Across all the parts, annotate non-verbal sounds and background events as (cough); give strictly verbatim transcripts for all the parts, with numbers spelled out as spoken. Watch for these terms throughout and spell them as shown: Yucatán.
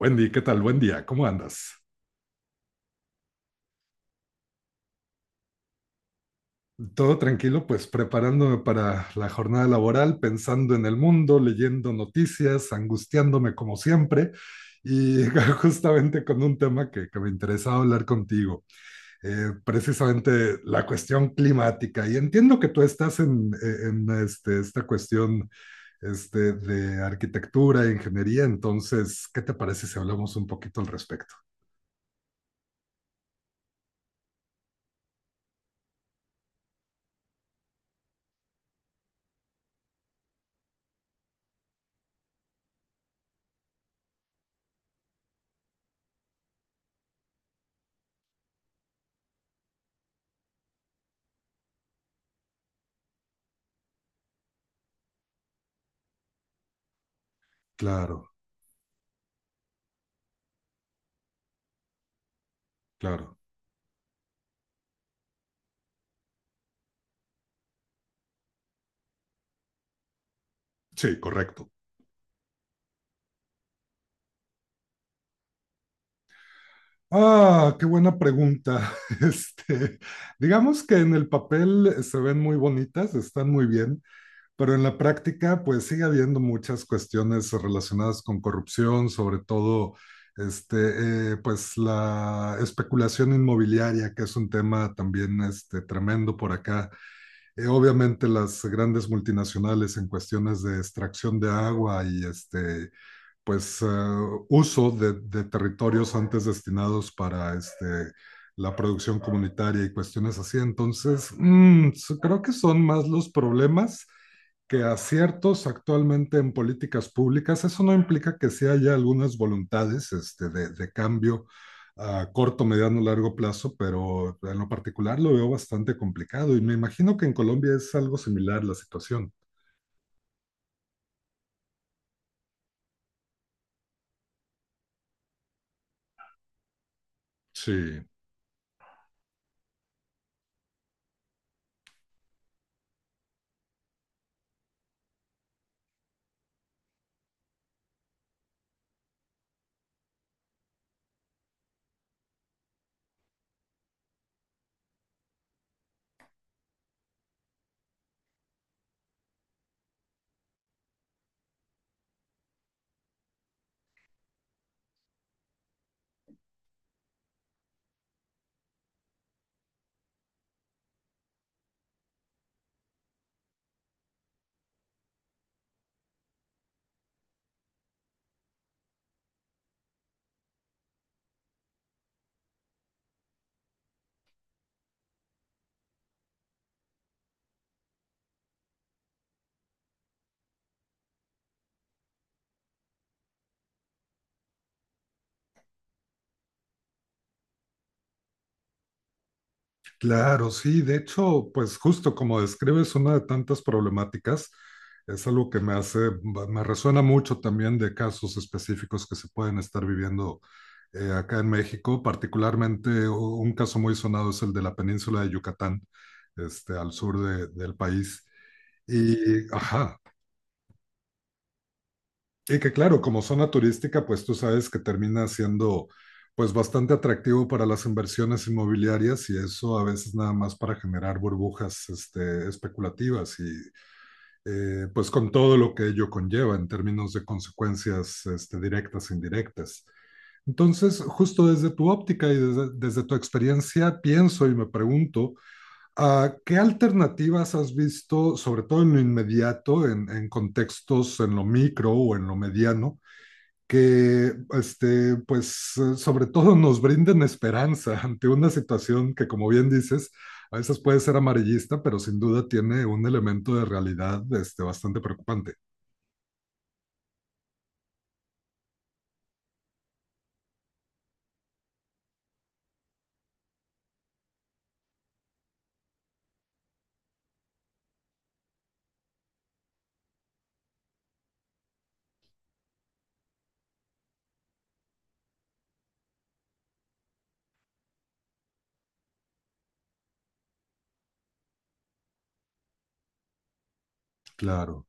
Wendy, ¿qué tal? Buen día, ¿cómo andas? Todo tranquilo, pues preparándome para la jornada laboral, pensando en el mundo, leyendo noticias, angustiándome como siempre y (laughs) justamente con un tema que, que me interesaba hablar contigo, eh, precisamente la cuestión climática. Y entiendo que tú estás en, en este, esta cuestión este, de arquitectura, ingeniería, entonces, ¿qué te parece si hablamos un poquito al respecto? Claro, claro. Sí, correcto. Ah, qué buena pregunta. (laughs) Este, digamos que en el papel se ven muy bonitas, están muy bien, pero en la práctica, pues sigue habiendo muchas cuestiones relacionadas con corrupción, sobre todo, este, eh, pues la especulación inmobiliaria, que es un tema también, este, tremendo por acá. Eh, obviamente las grandes multinacionales en cuestiones de extracción de agua y este pues uh, uso de, de, territorios antes destinados para este, la producción comunitaria y cuestiones así. Entonces, mmm, creo que son más los problemas que aciertos actualmente en políticas públicas. Eso no implica que sí haya algunas voluntades este, de, de cambio a corto, mediano, largo plazo, pero en lo particular lo veo bastante complicado y me imagino que en Colombia es algo similar la situación. Sí. Claro, sí, de hecho, pues justo como describes una de tantas problemáticas, es algo que me hace, me resuena mucho también de casos específicos que se pueden estar viviendo eh, acá en México, particularmente u- un caso muy sonado es el de la península de Yucatán, este, al sur de- del país. Y, ajá, y que claro, como zona turística, pues tú sabes que termina siendo pues bastante atractivo para las inversiones inmobiliarias y eso a veces nada más para generar burbujas este, especulativas y eh, pues con todo lo que ello conlleva en términos de consecuencias este, directas e indirectas. Entonces, justo desde tu óptica y desde, desde, tu experiencia, pienso y me pregunto, ah, ¿qué alternativas has visto, sobre todo en lo inmediato, en, en contextos en lo micro o en lo mediano, que, este, pues, eh, sobre todo nos brinden esperanza ante una situación que, como bien dices, a veces puede ser amarillista, pero sin duda tiene un elemento de realidad este, bastante preocupante. Claro,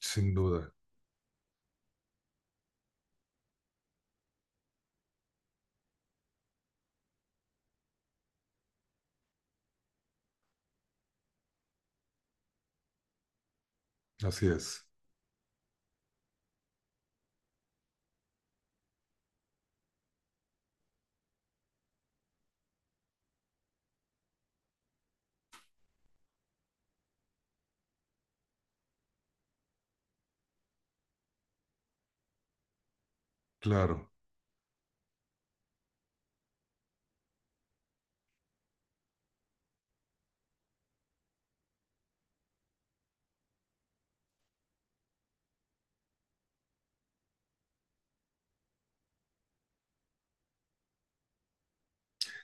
sin duda, así es, claro.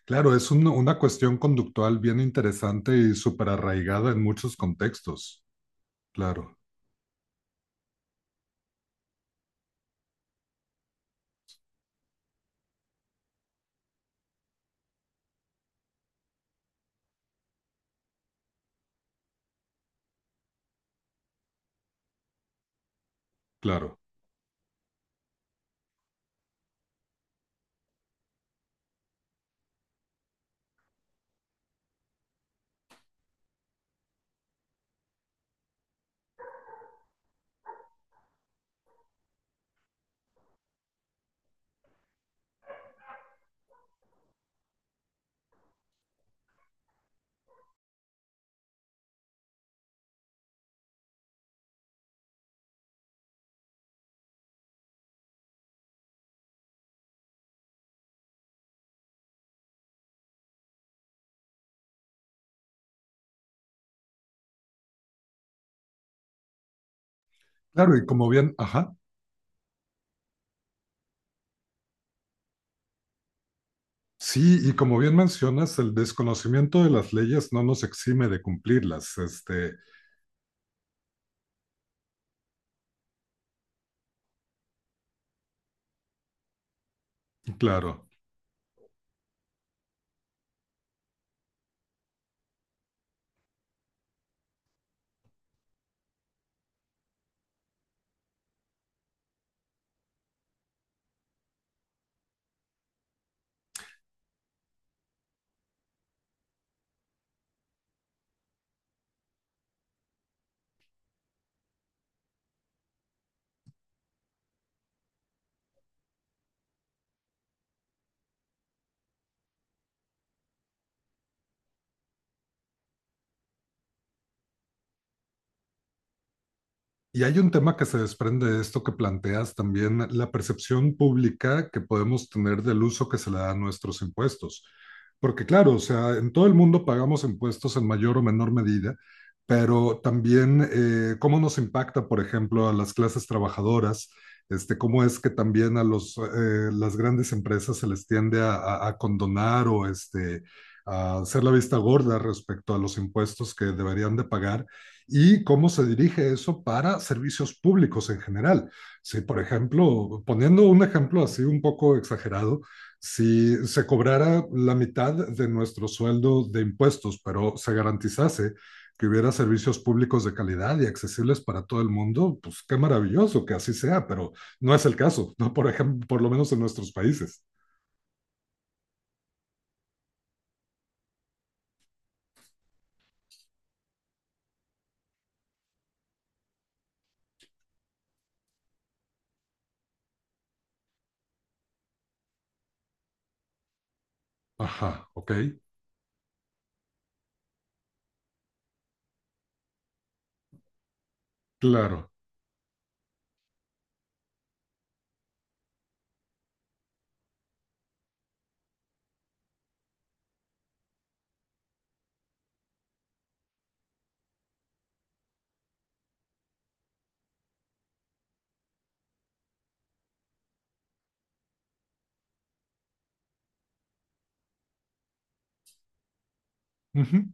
Claro, es un- una cuestión conductual bien interesante y súper arraigada en muchos contextos. Claro, claro. Claro, y como bien, ajá, sí, y como bien mencionas, el desconocimiento de las leyes no nos exime de cumplirlas. Este, claro. Y hay un tema que se desprende de esto que planteas también, la percepción pública que podemos tener del uso que se le da a nuestros impuestos. Porque claro, o sea, en todo el mundo pagamos impuestos en mayor o menor medida, pero también eh, cómo nos impacta, por ejemplo, a las clases trabajadoras, este, cómo es que también a los, eh, las grandes empresas se les tiende a, a- a condonar o este, a hacer la vista gorda respecto a los impuestos que deberían de pagar. Y cómo se dirige eso para servicios públicos en general. Si, por ejemplo, poniendo un ejemplo así un poco exagerado, si se cobrara la mitad de nuestro sueldo de impuestos, pero se garantizase que hubiera servicios públicos de calidad y accesibles para todo el mundo, pues qué maravilloso que así sea, pero no es el caso, ¿no? Por ejemplo, por lo menos en nuestros países. Ajá, ok, claro, ujú,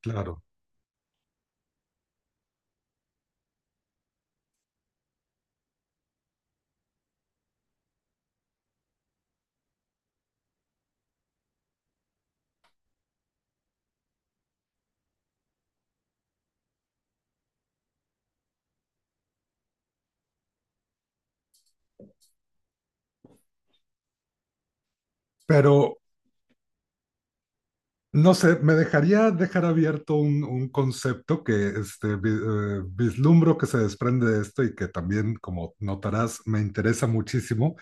claro. Pero no sé, me dejaría dejar abierto un, un concepto que este, vi- eh, vislumbro que se desprende de esto y que también, como notarás, me interesa muchísimo.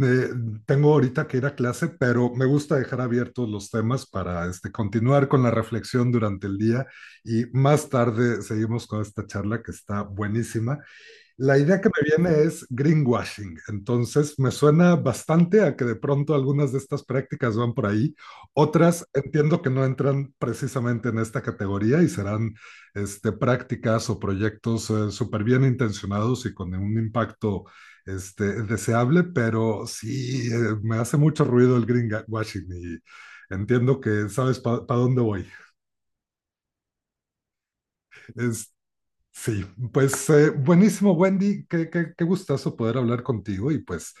Eh, Tengo ahorita que ir a clase, pero me gusta dejar abiertos los temas para este, continuar con la reflexión durante el día y más tarde seguimos con esta charla que está buenísima. La idea que me viene es greenwashing, entonces me suena bastante a que de pronto algunas de estas prácticas van por ahí, otras entiendo que no entran precisamente en esta categoría y serán este, prácticas o proyectos eh, súper bien intencionados y con un impacto este, deseable, pero sí eh, me hace mucho ruido el greenwashing y entiendo que sabes para pa dónde voy. Este, sí, pues eh, buenísimo, Wendy. Qué, qué, qué gustazo poder hablar contigo y pues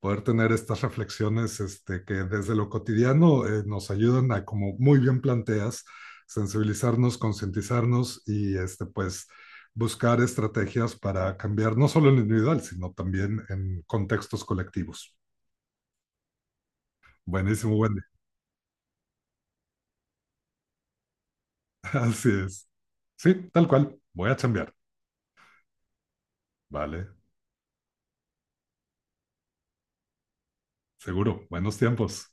poder tener estas reflexiones este, que desde lo cotidiano eh, nos ayudan a, como muy bien planteas, sensibilizarnos, concientizarnos y este, pues buscar estrategias para cambiar no solo en lo individual, sino también en contextos colectivos. Buenísimo, Wendy. (laughs) Así es. Sí, tal cual. Voy a chambear. Vale, seguro. Buenos tiempos.